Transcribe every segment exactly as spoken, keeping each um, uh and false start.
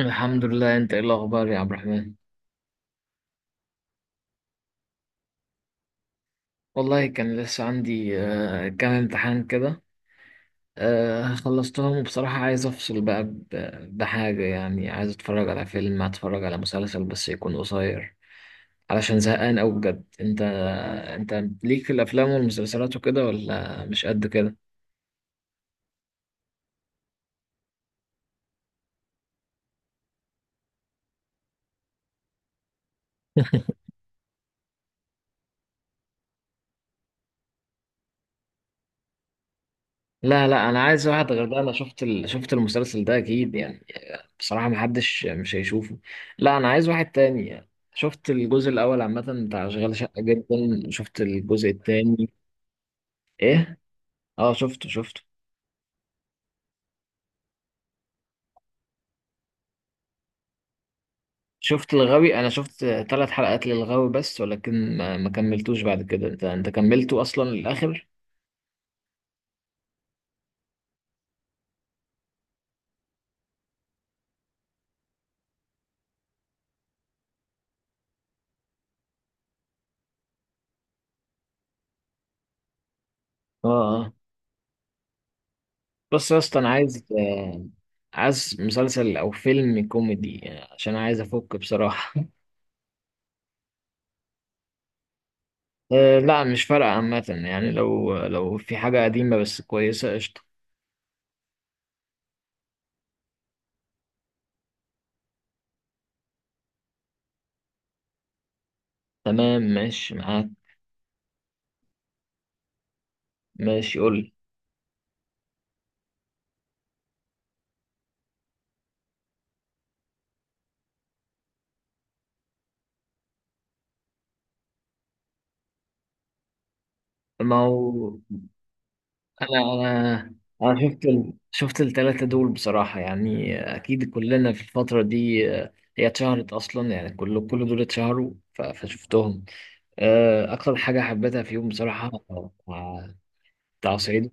الحمد لله، انت ايه الاخبار يا عبد الرحمن؟ والله كان لسه عندي آه، كام امتحان كده. آه، خلصتهم، وبصراحة عايز افصل بقى ب- بحاجة، يعني عايز اتفرج على فيلم، اتفرج على مسلسل بس يكون قصير، علشان زهقان اوي بجد. انت انت ليك في الافلام والمسلسلات وكده ولا مش قد كده؟ لا، لا، انا عايز واحد غير ده. انا شفت ال... شفت المسلسل ده اكيد يعني. بصراحة محدش مش هيشوفه. لا، أنا عايز واحد تاني. شفت الجزء الأول عامة بتاع أشغال شقة جدا، شفت الجزء التاني. إيه؟ أه، شفته شفته. شفت الغاوي، أنا شفت ثلاث حلقات للغاوي بس، ولكن ما, ما كملتوش. بعد كده أنت أنت كملته أصلا للآخر؟ أه، أه. بص يا اسطى، أنا عايز آه، عايز مسلسل أو فيلم كوميدي، يعني عشان عايز أفك بصراحة. أه، لا، مش فارقة عامة، يعني لو لو في حاجة قديمة بس كويسة قشطة. تمام ماشي معاك. ماشي، قول لي. ما هو انا انا انا شفت ال... شفت الثلاثه دول بصراحه، يعني اكيد كلنا في الفتره دي آه، هي اتشهرت اصلا، يعني كل كل دول اتشهروا ف... فشفتهم. آه، اكتر حاجه حبيتها فيهم بصراحه، آه، بتاع صعيدي.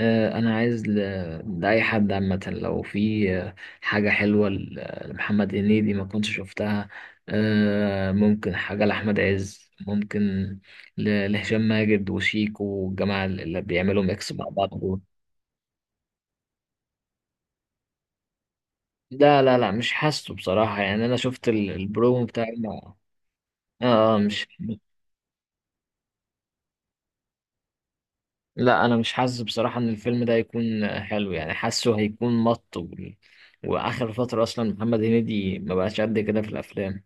آه، انا عايز ل- لاي حد عامه، لو في آه، حاجه حلوه ل- لمحمد هنيدي ما كنتش شفتها. آه، ممكن حاجه لاحمد عز ممكن، ل- لهشام ماجد وشيكو والجماعه اللي بيعملوا ميكس مع بعض دول. لا، لا، لا، مش حاسه بصراحه، يعني انا شفت ال- البرومو بتاع اه آه، مش. لا، انا مش حاسس بصراحه ان الفيلم ده هيكون آه، حلو، يعني حاسه هيكون مط و... واخر فتره اصلا محمد هنيدي ما بقاش قد كده في الافلام.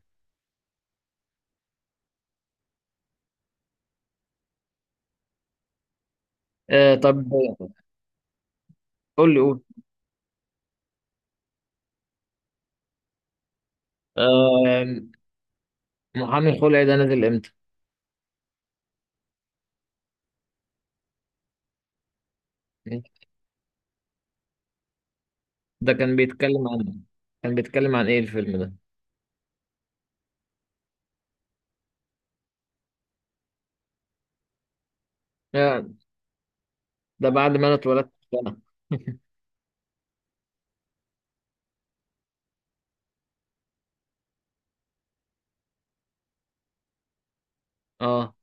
آه طب قول لي قول آه محامي الخلع ده نزل امتى؟ ده كان بيتكلم عن، كان بيتكلم عن ايه الفيلم ده؟ آه. ده بعد ما انا اتولدت بسنة. اه،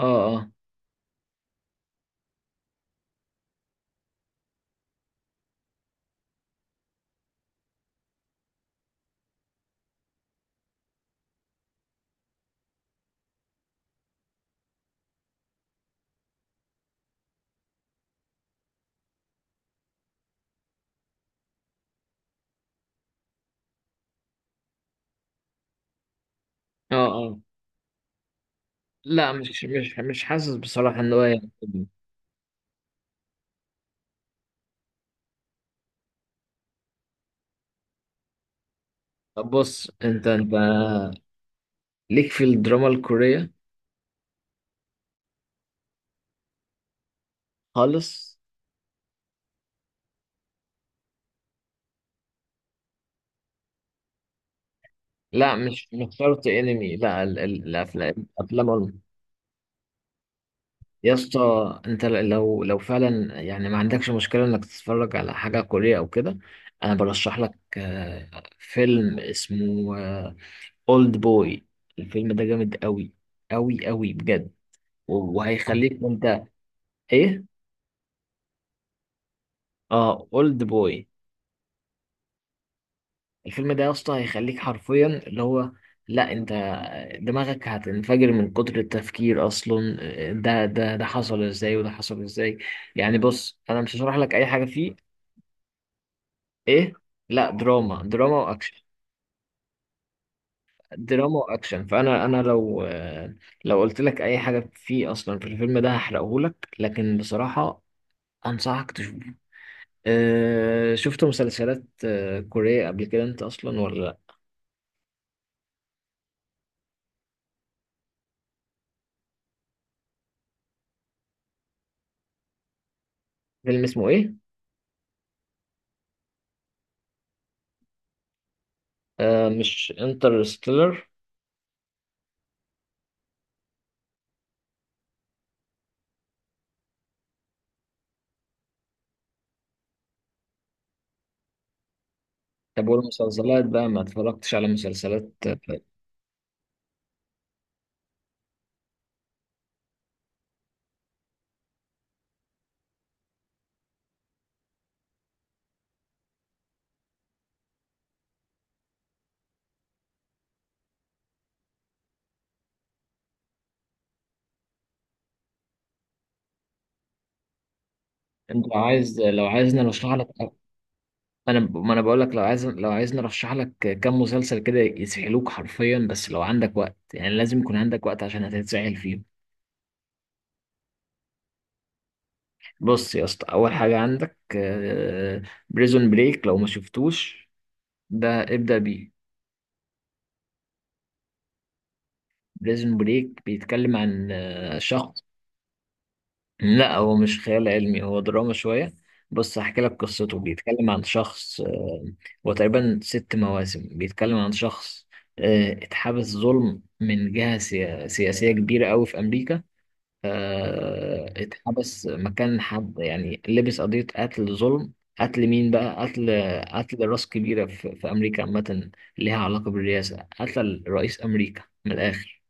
اه. اه، اه، اه. لا، مش مش مش حاسس بصراحة ان هو يعني فيلم. طب بص، انت انت ليك في الدراما الكورية خالص؟ لا، مش مش شرط انمي، لا، ال- ال- الافلام افلام. يا اسطى، انت لو لو فعلا يعني ما عندكش مشكله انك تتفرج على حاجه كوريه او كده، انا برشح لك آه، فيلم اسمه اولد بوي. الفيلم ده جامد قوي، قوي، قوي بجد و- وهيخليك، وانت ايه؟ اه، اولد بوي. الفيلم ده يا اسطى هيخليك حرفيا اللي هو، لا انت دماغك هتنفجر من كتر التفكير اصلا. آه، ده ده ده حصل ازاي، وده حصل ازاي. يعني بص، انا مش هشرح لك اي حاجه فيه. ايه؟ لا، دراما، دراما واكشن. دراما واكشن. فانا انا لو آه، لو قلت لك اي حاجه فيه اصلا في الفيلم ده هحرقه لك، لكن بصراحه انصحك تشوفه. أه، شفت مسلسلات آه، كوريه قبل كده انت اصلا ولا لا؟ فيلم اسمه ايه؟ أه، مش انترستيلر؟ طب والمسلسلات بقى ما اتفرجتش على مسلسلات آه، انت لو عايز لو عايزني أنا اشرح لك. انا ما انا بقول لك، لو عايز لو عايزني ارشح لك كام مسلسل كده يسحلوك حرفيا، بس لو عندك وقت، يعني لازم يكون عندك وقت عشان هتتسحل فيهم. بص يا اسطى، اول حاجه عندك بريزون بريك. لو ما شفتوش، ده ابدا بيه. بريزون بريك بيتكلم عن آه، شخص. لا، هو مش خيال علمي، هو دراما شوية. بص، هحكي لك قصته. بيتكلم عن شخص آه، هو تقريبا ست مواسم. بيتكلم عن شخص آه، اتحبس ظلم من جهة سيا- سياسية كبيرة أوي في أمريكا. آه، اتحبس مكان حد، يعني لبس قضية قتل ظلم. قتل مين بقى؟ قتل قتل راس كبيرة في في أمريكا عامة، ليها علاقة بالرئاسة، قتل رئيس أمريكا من الآخر.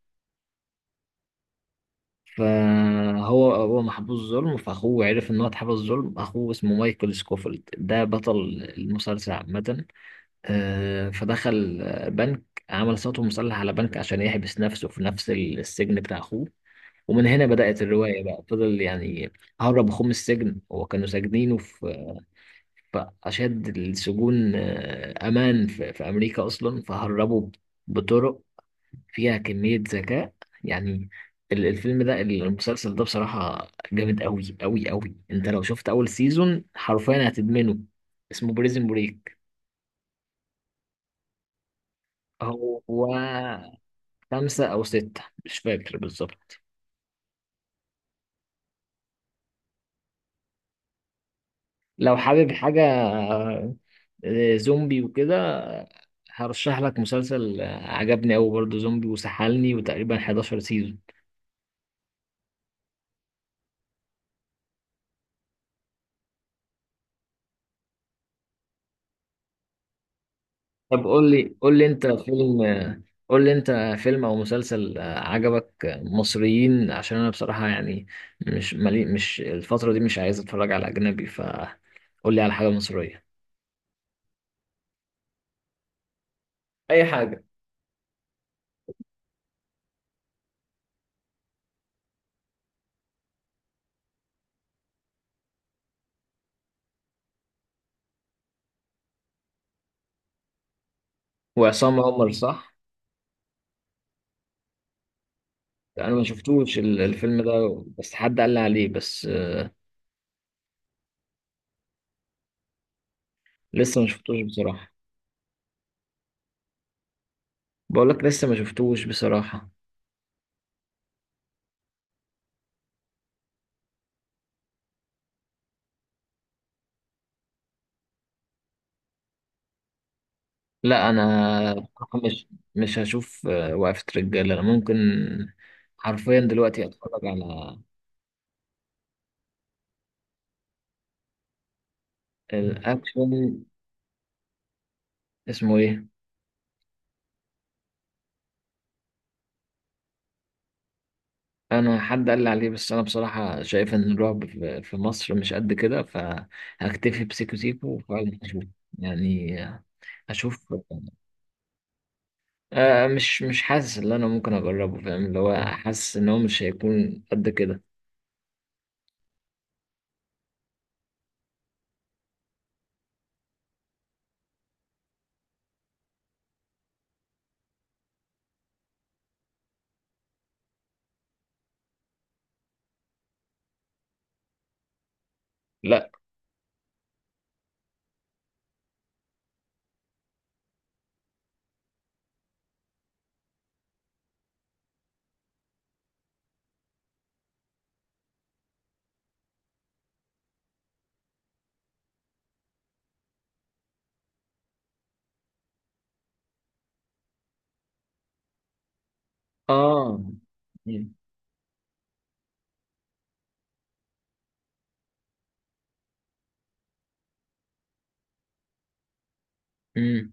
فهو هو محبوس ظلم، فاخوه عرف ان هو اتحبس ظلم. اخوه اسمه مايكل سكوفيلد، ده بطل المسلسل عامة. آه، فدخل آه، بنك، عمل صوته مسلح على بنك عشان يحبس نفسه في نفس السجن بتاع اخوه. ومن هنا بدأت الرواية، بقى فضل يعني هرب اخوه من السجن. هو كانوا ساجنينه في في أشد السجون آه، أمان في في أمريكا أصلا، فهربوا بطرق فيها كمية ذكاء. يعني ال- الفيلم ده المسلسل ده بصراحة جامد أوي، أوي، أوي. أنت لو شفت أول سيزون حرفيا هتدمنه. اسمه بريزن بريك. هو خمسة أو ستة، مش فاكر بالظبط. لو حابب حاجة آه، زومبي وكده، هرشح لك مسلسل آه، عجبني أوي برضه زومبي وسحلني، وتقريبا 11 سيزون. طب قول لي قول لي أنت فيلم، قول لي انت فيلم او مسلسل آه، عجبك آه، مصريين، عشان انا بصراحة يعني مش ملي مش الفترة دي مش عايز اتفرج على اجنبي، فقول لي على حاجة مصرية. اي حاجه. وعصام عمر، صح؟ انا ما شفتوش ال- الفيلم ده، بس حد قال لي عليه، بس آه، لسه ما شفتوش بصراحة. بقول لك لسه ما شفتوش بصراحة. لا، انا بصراحة مش، مش هشوف آه، وقفة رجالة. انا ممكن حرفيا دلوقتي اتفرج على الاكشن. اسمه ايه؟ انا حد قال لي عليه، بس انا بصراحه شايف ان الرعب في في مصر مش قد كده، فهكتفي بسيكو سيكو وفعلا هشوف، يعني هشوف. آه مش مش حاسس ان انا ممكن اجربه، فاهم؟ اللي هو حاسس ان هو مش هيكون قد كده. لا. اه. امم.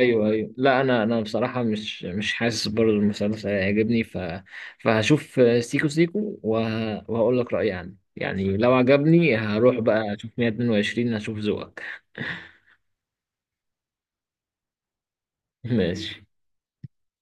ايوه، ايوه، لا، انا انا بصراحه مش مش حاسس برضه المسلسل هيعجبني. ف فهشوف سيكو سيكو وه... وهقول لك رايي عنه، يعني لو عجبني هروح بقى اشوف مائة اثنين وعشرين، هشوف ذوقك. ماشي.